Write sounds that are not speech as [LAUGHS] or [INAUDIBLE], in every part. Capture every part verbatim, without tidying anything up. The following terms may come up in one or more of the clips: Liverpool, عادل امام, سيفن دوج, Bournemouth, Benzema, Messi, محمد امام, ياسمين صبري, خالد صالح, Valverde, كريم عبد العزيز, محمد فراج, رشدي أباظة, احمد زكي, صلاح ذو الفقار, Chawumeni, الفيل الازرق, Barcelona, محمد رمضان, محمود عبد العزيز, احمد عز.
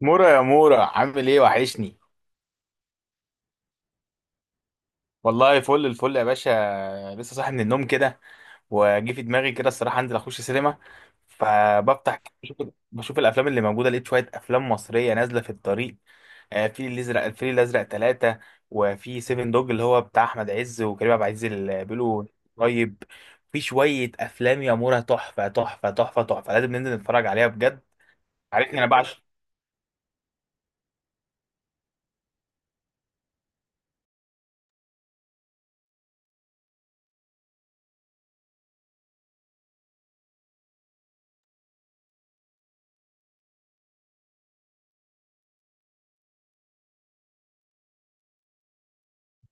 مورا، يا مورا، عامل ايه؟ وحشني. والله فل الفل يا باشا. لسه صاحي من النوم كده وجي في دماغي كده الصراحه انزل اخش سينما. فبفتح بشوف, بشوف الافلام اللي موجوده. لقيت شويه افلام مصريه نازله في الطريق. آه، في الازرق، الفيل الازرق ثلاثة، وفي سيفن دوج اللي هو بتاع احمد عز وكريم عبد العزيز اللي بيقولوا. طيب، في شويه افلام يا مورا تحفه تحفه تحفه تحفه، لازم ننزل نتفرج عليها بجد. عارفني انا بعشق.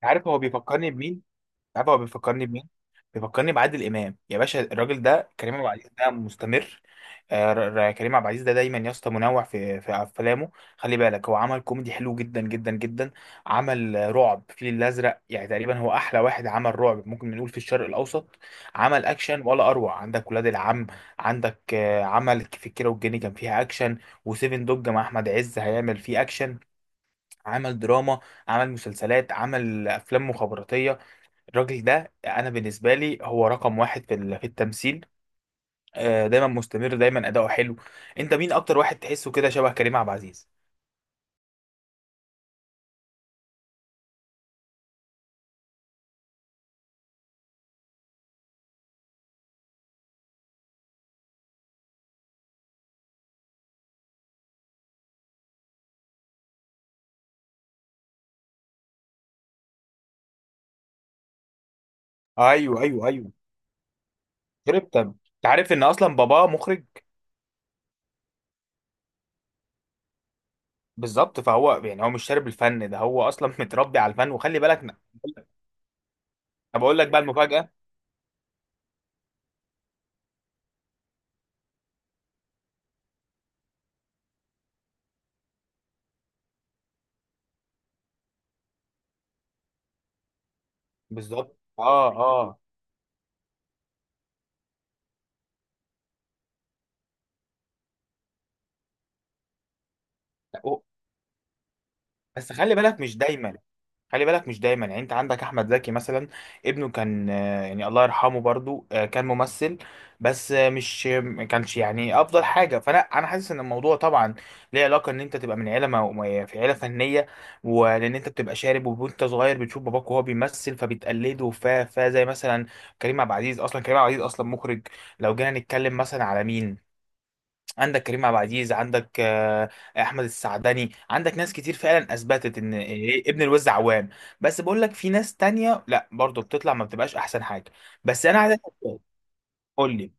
عارف هو بيفكرني بمين؟ عارف هو بيفكرني بمين؟ بيفكرني بعادل امام يا باشا. الراجل ده كريم عبد العزيز ده مستمر. آه، ر- ر- كريم عبد العزيز ده دايما يا اسطى منوع في في افلامه. خلي بالك هو عمل كوميدي حلو جدا جدا جدا. عمل آه، رعب الفيل الازرق، يعني تقريبا هو احلى واحد عمل رعب، ممكن نقول في الشرق الاوسط. عمل اكشن ولا اروع، عندك ولاد العم. عندك آه، عمل في الكيرة والجن كان فيها اكشن، وسيفن دوج مع احمد عز هيعمل فيه اكشن. عمل دراما، عمل مسلسلات، عمل افلام مخابراتيه. الراجل ده انا بالنسبه لي هو رقم واحد في ال- في التمثيل. آه، دايما مستمر، دايما اداؤه حلو. انت مين اكتر واحد تحسه كده شبه كريم عبد العزيز؟ ايوه، ايوه، ايوه. شربت انت؟ عارف ان اصلا باباه مخرج. بالظبط، فهو يعني هو مش شارب الفن ده، هو اصلا [LAUGHS] متربي على الفن. وخلي بالك انا بقول لك بقى المفاجاه. بالظبط، اه، اه. لا، و- بس خلي بالك مش دايما. خلي بالك مش دايما يعني. انت عندك احمد زكي مثلا، ابنه كان آه، يعني الله يرحمه برضو آه، كان ممثل، بس آه، مش ما كانش يعني افضل حاجه. فانا انا حاسس ان الموضوع طبعا ليه علاقه، ان انت تبقى من عيله مو- مو- في عيله فنيه، ولان انت بتبقى شارب وانت صغير بتشوف باباك وهو بيمثل فبتقلده. ف ف زي مثلا كريم عبد العزيز، اصلا كريم عبد العزيز اصلا مخرج. لو جينا نتكلم مثلا على مين، عندك كريم عبد العزيز، عندك آه، احمد السعدني، عندك ناس كتير فعلا اثبتت ان إيه، ابن الوز عوام. بس بقول لك في ناس تانية لا، برضو بتطلع ما بتبقاش احسن حاجه. بس انا عايز قول لي.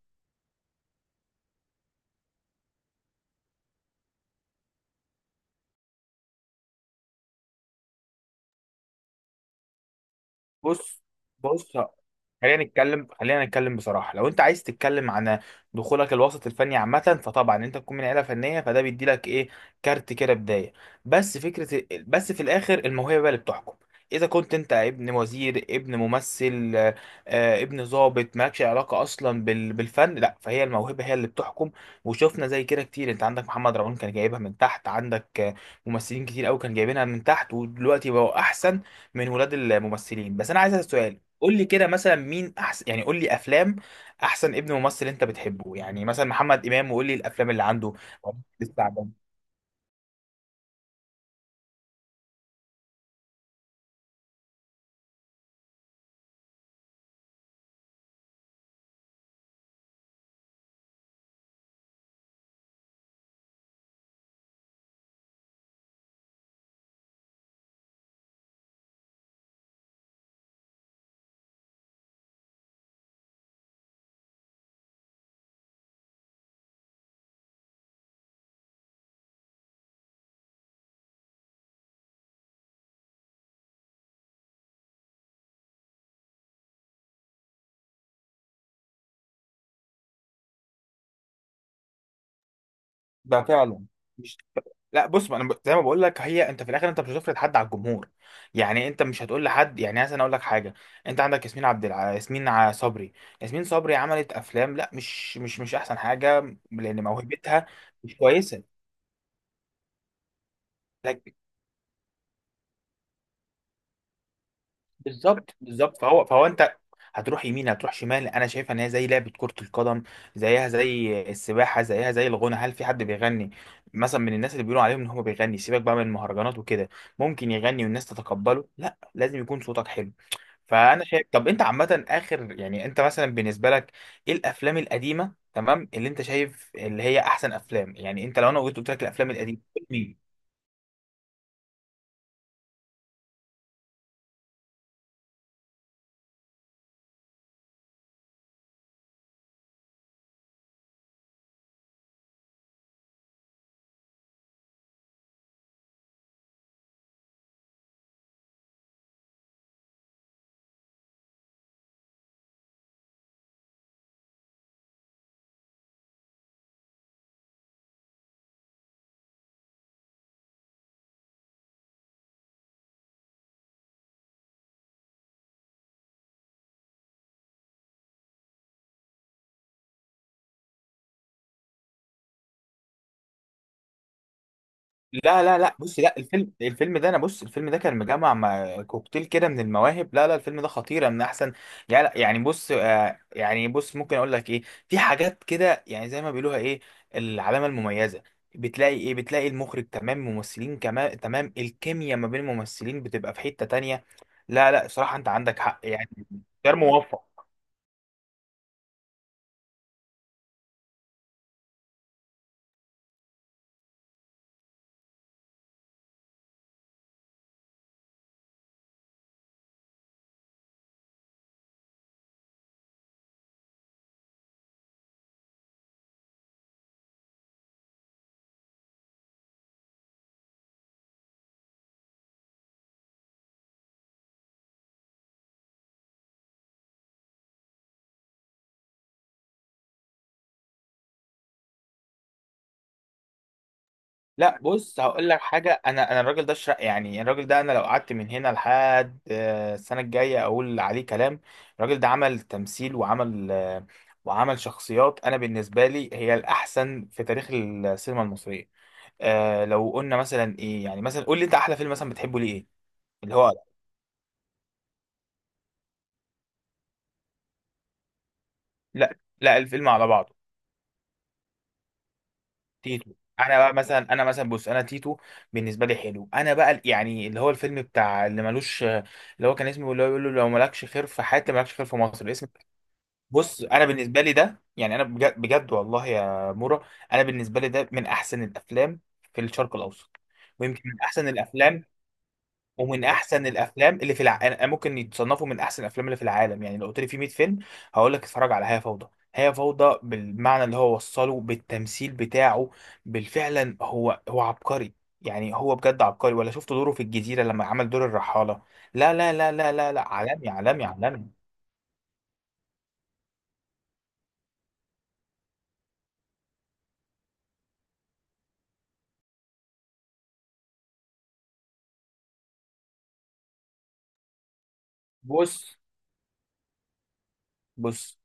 بص، بص، خلينا نتكلم، خلينا نتكلم بصراحه. لو انت عايز تتكلم عن دخولك الوسط الفني عامه، فطبعا انت تكون من عيله فنيه، فده بيدي لك ايه؟ كارت كده بدايه. بس فكره، بس في الاخر الموهبه بقى اللي بتحكم. اذا كنت انت ابن وزير، ابن ممثل، آه، آه، ابن ضابط، مالكش علاقه اصلا بال- بالفن، لا، فهي الموهبه هي اللي بتحكم. وشفنا زي كده كتير، انت عندك محمد رمضان كان جايبها من تحت، عندك آه، ممثلين كتير قوي كان جايبينها من تحت ودلوقتي بقوا احسن من ولاد الممثلين. بس انا عايز اسال سؤال، قول لي كده مثلا مين احسن، يعني قول لي افلام احسن ابن ممثل انت بتحبه، يعني مثلا محمد امام، وقول لي الافلام اللي عنده. الثعبان؟ ده فعلا مش. لا بص، ما انا ب- زي ما بقول لك، هي انت في الاخر انت مش هتفرض حد على الجمهور. يعني انت مش هتقول لحد يعني، مثلا اقول لك حاجه، انت عندك ياسمين عبد الع... ياسمين ع- صبري. ياسمين صبري عملت افلام، لا، مش مش مش احسن حاجه لان موهبتها مش كويسه. بالظبط، بالظبط، فهو فهو انت هتروح يمين هتروح شمال. انا شايفها ان هي زي لعبه كره القدم، زيها زي السباحه، زيها زي الغنى. هل في حد بيغني مثلا من الناس اللي بيقولوا عليهم ان هو بيغني، سيبك بقى من المهرجانات وكده، ممكن يغني والناس تتقبله؟ لا، لازم يكون صوتك حلو. فانا شايف. طب انت عامه، اخر يعني انت مثلا بالنسبه لك ايه الافلام القديمه تمام اللي انت شايف اللي هي احسن افلام؟ يعني انت لو انا قلت، قلت لك الافلام القديمه. لا لا لا، بص، لا، الفيلم الفيلم ده، انا بص، الفيلم ده كان مجمع مع كوكتيل كده من المواهب. لا لا، الفيلم ده خطيره، من احسن، يعني، لا، يعني بص آه، يعني بص ممكن اقول لك ايه، في حاجات كده يعني زي ما بيقولوها ايه، العلامه المميزه. بتلاقي ايه؟ بتلاقي المخرج تمام، ممثلين كمان تمام، الكيمياء ما بين الممثلين بتبقى في حته تانية. لا لا صراحه، انت عندك حق يعني. غير موفق. لا بص، هقول لك حاجه، انا انا الراجل ده شر... يعني الراجل ده انا لو قعدت من هنا لحد آه، السنه الجايه اقول عليه كلام. الراجل ده عمل تمثيل وعمل آه، وعمل شخصيات، انا بالنسبه لي هي الاحسن في تاريخ السينما المصريه. آه، لو قلنا مثلا ايه، يعني مثلا قول لي انت احلى فيلم مثلا بتحبه ليه ايه اللي هو. لا لا، الفيلم على بعضه تيتو. انا بقى مثلا، انا مثلا بص، انا تيتو بالنسبه لي حلو. انا بقى ال- يعني اللي هو الفيلم بتاع اللي ملوش، اللي هو كان اسمه، اللي هو بيقول له لو مالكش خير في حياتي مالكش خير في مصر، اسم. بص انا بالنسبه لي ده يعني انا بجد, بجد والله يا مورا، انا بالنسبه لي ده من احسن الافلام في الشرق الاوسط، ويمكن من احسن الافلام، ومن احسن الافلام اللي في الع... أنا- ممكن يتصنفوا من احسن الافلام اللي في العالم. يعني لو قلت لي في مية فيلم، هقول لك اتفرج على هي فوضى. هي فوضى بالمعنى اللي هو وصله بالتمثيل بتاعه. بالفعلا هو هو عبقري، يعني هو بجد عبقري. ولا شفت دوره في الجزيرة لما عمل دور الرحالة؟ لا لا لا لا لا لا، عالمي عالمي عالمي. بص، بص،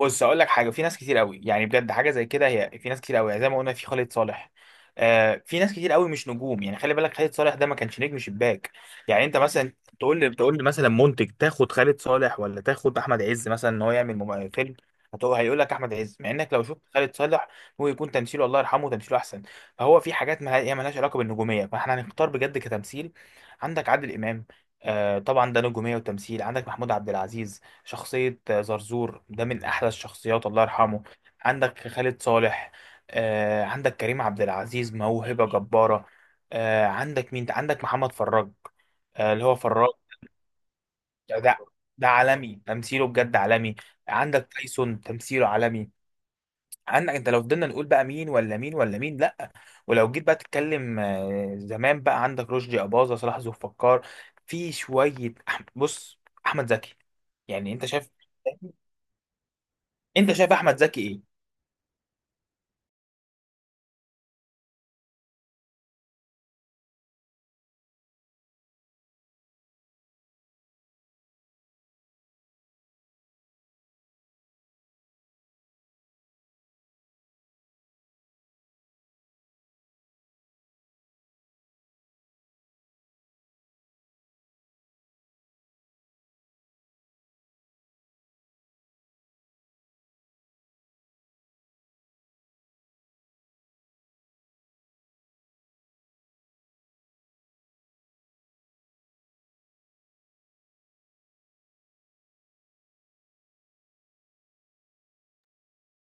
بص، اقول لك حاجه. في ناس كتير قوي يعني بجد حاجه زي كده، هي في ناس كتير قوي يعني زي ما قلنا في خالد صالح. آه، في ناس كتير قوي مش نجوم، يعني خلي بالك خالد صالح ده ما كانش نجم شباك. يعني انت مثلا تقول لي تقول لي مثلا منتج، تاخد خالد صالح ولا تاخد احمد عز مثلا ان هو يعمل مم- فيلم، هتقول، هيقول لك احمد عز، مع انك لو شفت خالد صالح هو يكون تمثيله، الله يرحمه، تمثيله احسن. فهو في حاجات ما هي مالهاش علاقه بالنجوميه، فاحنا هنختار بجد كتمثيل. عندك عادل امام، آه طبعا ده نجوميه وتمثيل. عندك محمود عبد العزيز، شخصية زرزور ده من أحلى الشخصيات، الله يرحمه. عندك خالد صالح. آه، عندك كريم عبد العزيز، موهبة جبارة. آه، عندك مين؟ عندك محمد فراج، آه، اللي هو فراج. ده ده عالمي، تمثيله بجد عالمي. عندك تايسون، تمثيله عالمي. عندك، انت لو فضلنا نقول بقى مين ولا مين ولا مين، لا. ولو جيت بقى تتكلم آه، زمان بقى، عندك رشدي أباظة، صلاح ذو الفقار، في شوية أح- بص، أحمد زكي. يعني انت شايف، انت شايف احمد زكي ايه؟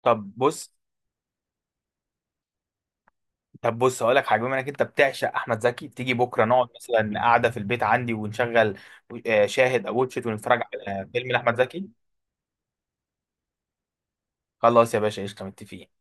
طب بص، طب بص، هقول لك حاجه، بما انك انت بتعشق احمد زكي، تيجي بكره نقعد مثلا قاعده في البيت عندي ونشغل آه، شاهد او واتشت ونتفرج على فيلم لاحمد زكي. خلاص يا باشا، قشطه، متفقين.